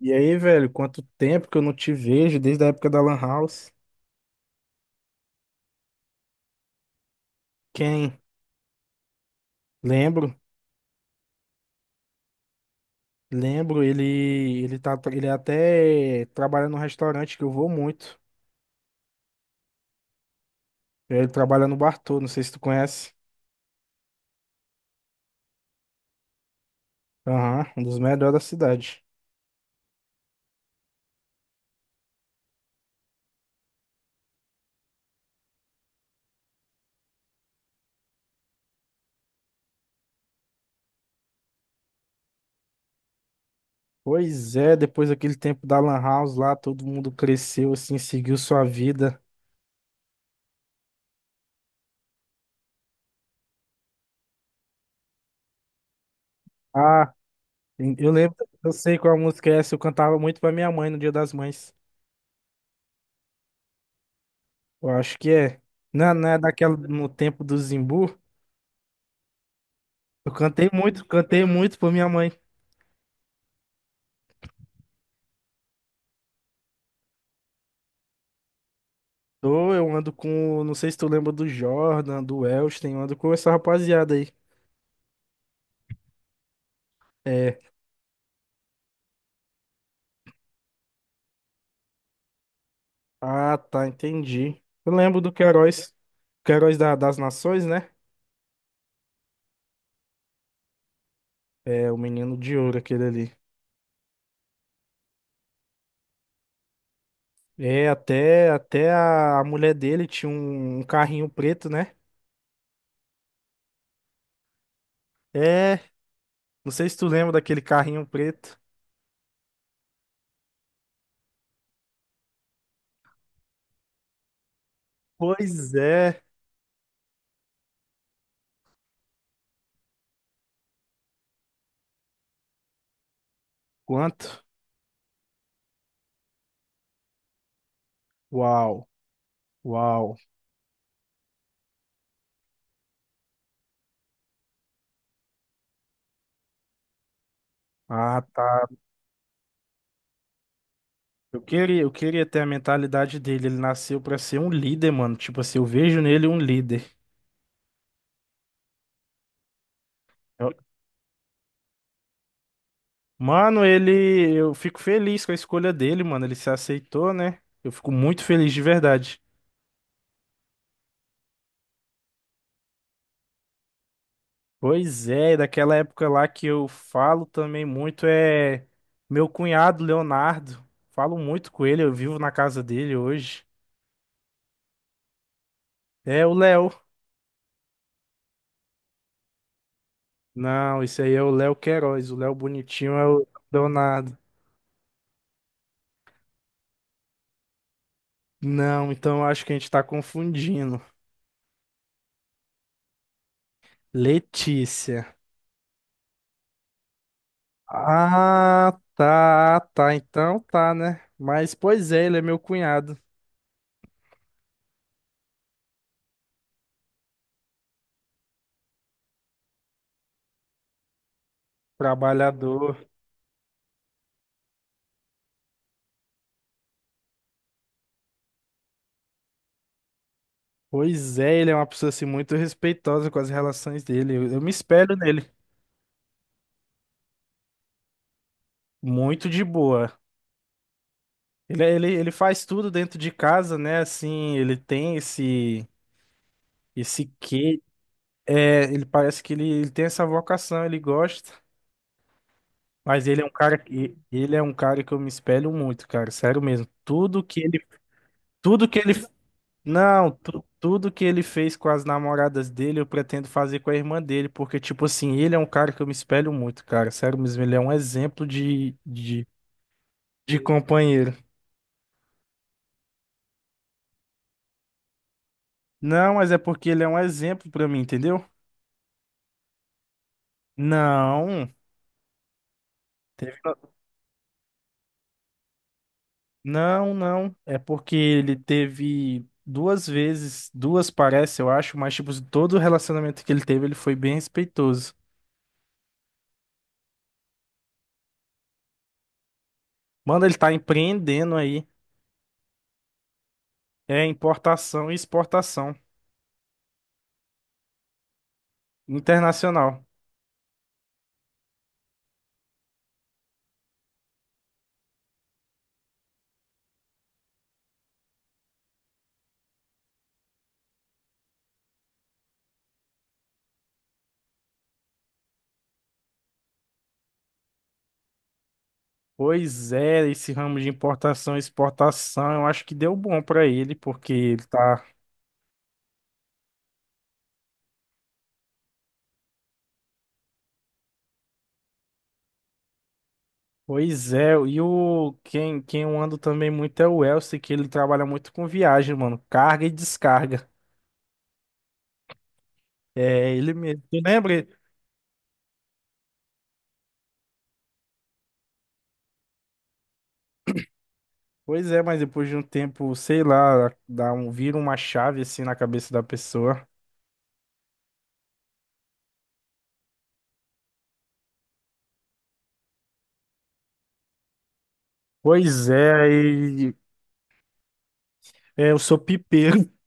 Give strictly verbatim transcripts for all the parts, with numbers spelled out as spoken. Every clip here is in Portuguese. E aí, velho, quanto tempo que eu não te vejo desde a época da Lan House? Quem? Lembro, lembro, ele ele tá ele até trabalha num restaurante que eu vou muito. Ele trabalha no Bartô, não sei se tu conhece. Aham, um dos melhores da cidade. Pois é, depois daquele tempo da Lan House lá, todo mundo cresceu assim, seguiu sua vida. Ah, eu lembro, eu sei qual música é essa, eu cantava muito pra minha mãe no Dia das Mães. Eu acho que é. Não, não é daquela no tempo do Zimbu? Eu cantei muito, cantei muito pra minha mãe. Tô, eu ando com, não sei se tu lembra do Jordan, do Elston, eu ando com essa rapaziada aí. É, ah, tá, entendi. Eu lembro do Queiroz, Queiroz da- das Nações, né? É, o menino de ouro, aquele ali. É, até, até a, a mulher dele tinha um, um carrinho preto, né? É, não sei se tu lembra daquele carrinho preto. Pois é. Quanto? Uau, uau. Ah, tá. Eu queria, eu queria ter a mentalidade dele. Ele nasceu pra ser um líder, mano. Tipo assim, eu vejo nele um líder. Eu- Mano, ele, eu fico feliz com a escolha dele, mano. Ele se aceitou, né? Eu fico muito feliz de verdade. Pois é, daquela época lá que eu falo também muito é meu cunhado Leonardo. Falo muito com ele, eu vivo na casa dele hoje. É o Léo. Não, esse aí é o Léo Queiroz. O Léo bonitinho é o Leonardo. Não, então eu acho que a gente tá confundindo. Letícia. Ah, tá, tá. Então tá, né? Mas, pois é, ele é meu cunhado, trabalhador. Pois é, ele é uma pessoa assim, muito respeitosa com as relações dele. Eu, eu me espelho nele. Muito de boa. Ele, é, ele, ele faz tudo dentro de casa, né? Assim, ele tem esse, esse quê. É, ele parece que ele, ele tem essa vocação, ele gosta. Mas ele é um cara que ele é um cara que eu me espelho muito, cara. Sério mesmo. Tudo que ele tudo que ele Não, tu- tudo que ele fez com as namoradas dele, eu pretendo fazer com a irmã dele, porque, tipo assim, ele é um cara que eu me espelho muito, cara. Sério mesmo, ele é um exemplo de, de, de companheiro. Não, mas é porque ele é um exemplo pra mim, entendeu? Não, teve- não, não. É porque ele teve duas vezes, duas parece, eu acho, mas, tipo, todo o relacionamento que ele teve, ele foi bem respeitoso. Mano, ele tá empreendendo aí. É importação e exportação internacional. Pois é, esse ramo de importação e exportação, eu acho que deu bom pra ele, porque ele tá. Pois é, e o quem, quem eu ando também muito é o Elcio, que ele trabalha muito com viagem, mano, carga e descarga. É, ele mesmo. Tu lembra? Pois é, mas depois de um tempo, sei lá, dá um, vira uma chave assim na cabeça da pessoa. Pois é, e, é, eu sou pipeiro.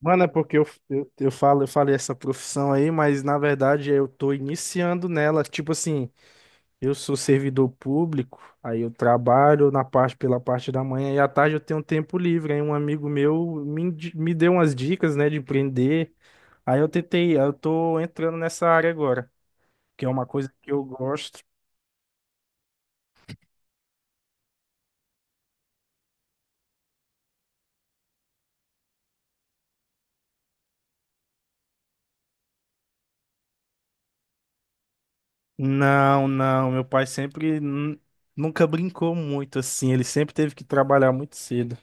Mano, é porque eu, eu, eu falo, eu falei essa profissão aí, mas na verdade eu tô iniciando nela, tipo assim. Eu sou servidor público, aí eu trabalho na parte pela parte da manhã e à tarde eu tenho tempo livre. Aí um amigo meu me, indi- me deu umas dicas, né, de empreender. Aí eu tentei, eu tô entrando nessa área agora, que é uma coisa que eu gosto. Não, não, meu pai sempre nu- nunca brincou muito assim, ele sempre teve que trabalhar muito cedo.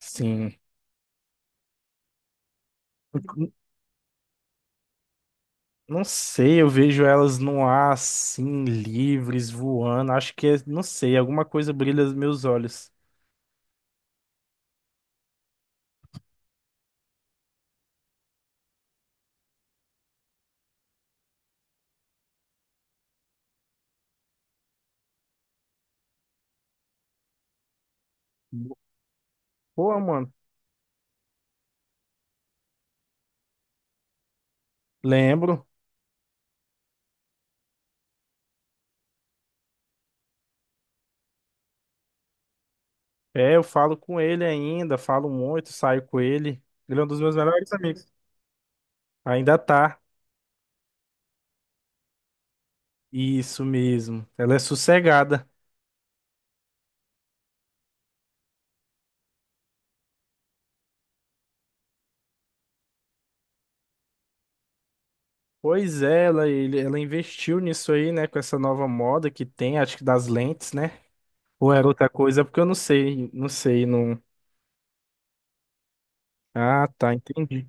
Sim. N- Não sei, eu vejo elas no ar assim, livres, voando. Acho que é, não sei, alguma coisa brilha nos meus olhos. Pô, mano, lembro. É, eu falo com ele ainda, falo muito, saio com ele. Ele é um dos meus melhores amigos. Ainda tá. Isso mesmo. Ela é sossegada. Pois é, ela, ele- ela investiu nisso aí, né? Com essa nova moda que tem, acho que das lentes, né? Ou era outra coisa, porque eu não sei, não sei, não. Ah, tá, entendi.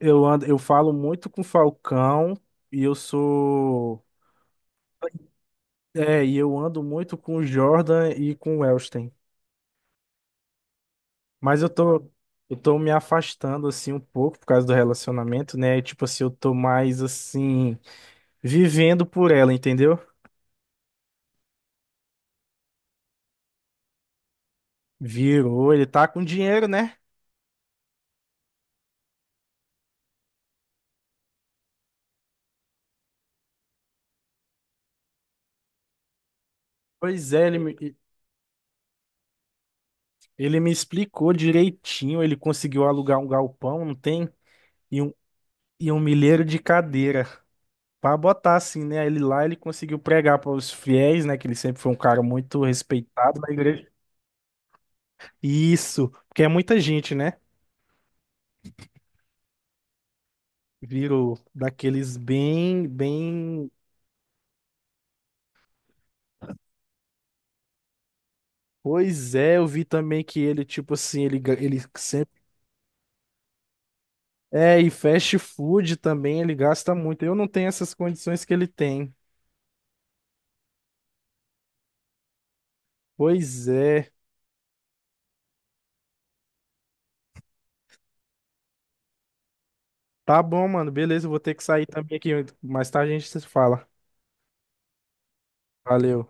Eu ando, eu falo muito com o Falcão e eu sou. É, e eu ando muito com o Jordan e com o Elston. Mas eu tô, eu tô me afastando assim um pouco por causa do relacionamento, né? E, tipo assim, eu tô mais assim vivendo por ela, entendeu? Virou, ele tá com dinheiro, né? Pois é, ele me, ele me explicou direitinho, ele conseguiu alugar um galpão, não tem? E um, e um milheiro de cadeira pra botar assim, né? Ele lá, ele conseguiu pregar para os fiéis, né? Que ele sempre foi um cara muito respeitado na igreja. Isso, porque é muita gente, né? Virou daqueles bem, bem Pois é, eu vi também que ele, tipo assim, ele, ga- ele sempre. É, e fast food também ele gasta muito. Eu não tenho essas condições que ele tem. Pois é. Tá bom, mano. Beleza, eu vou ter que sair também aqui. Mais tarde a gente se fala. Valeu.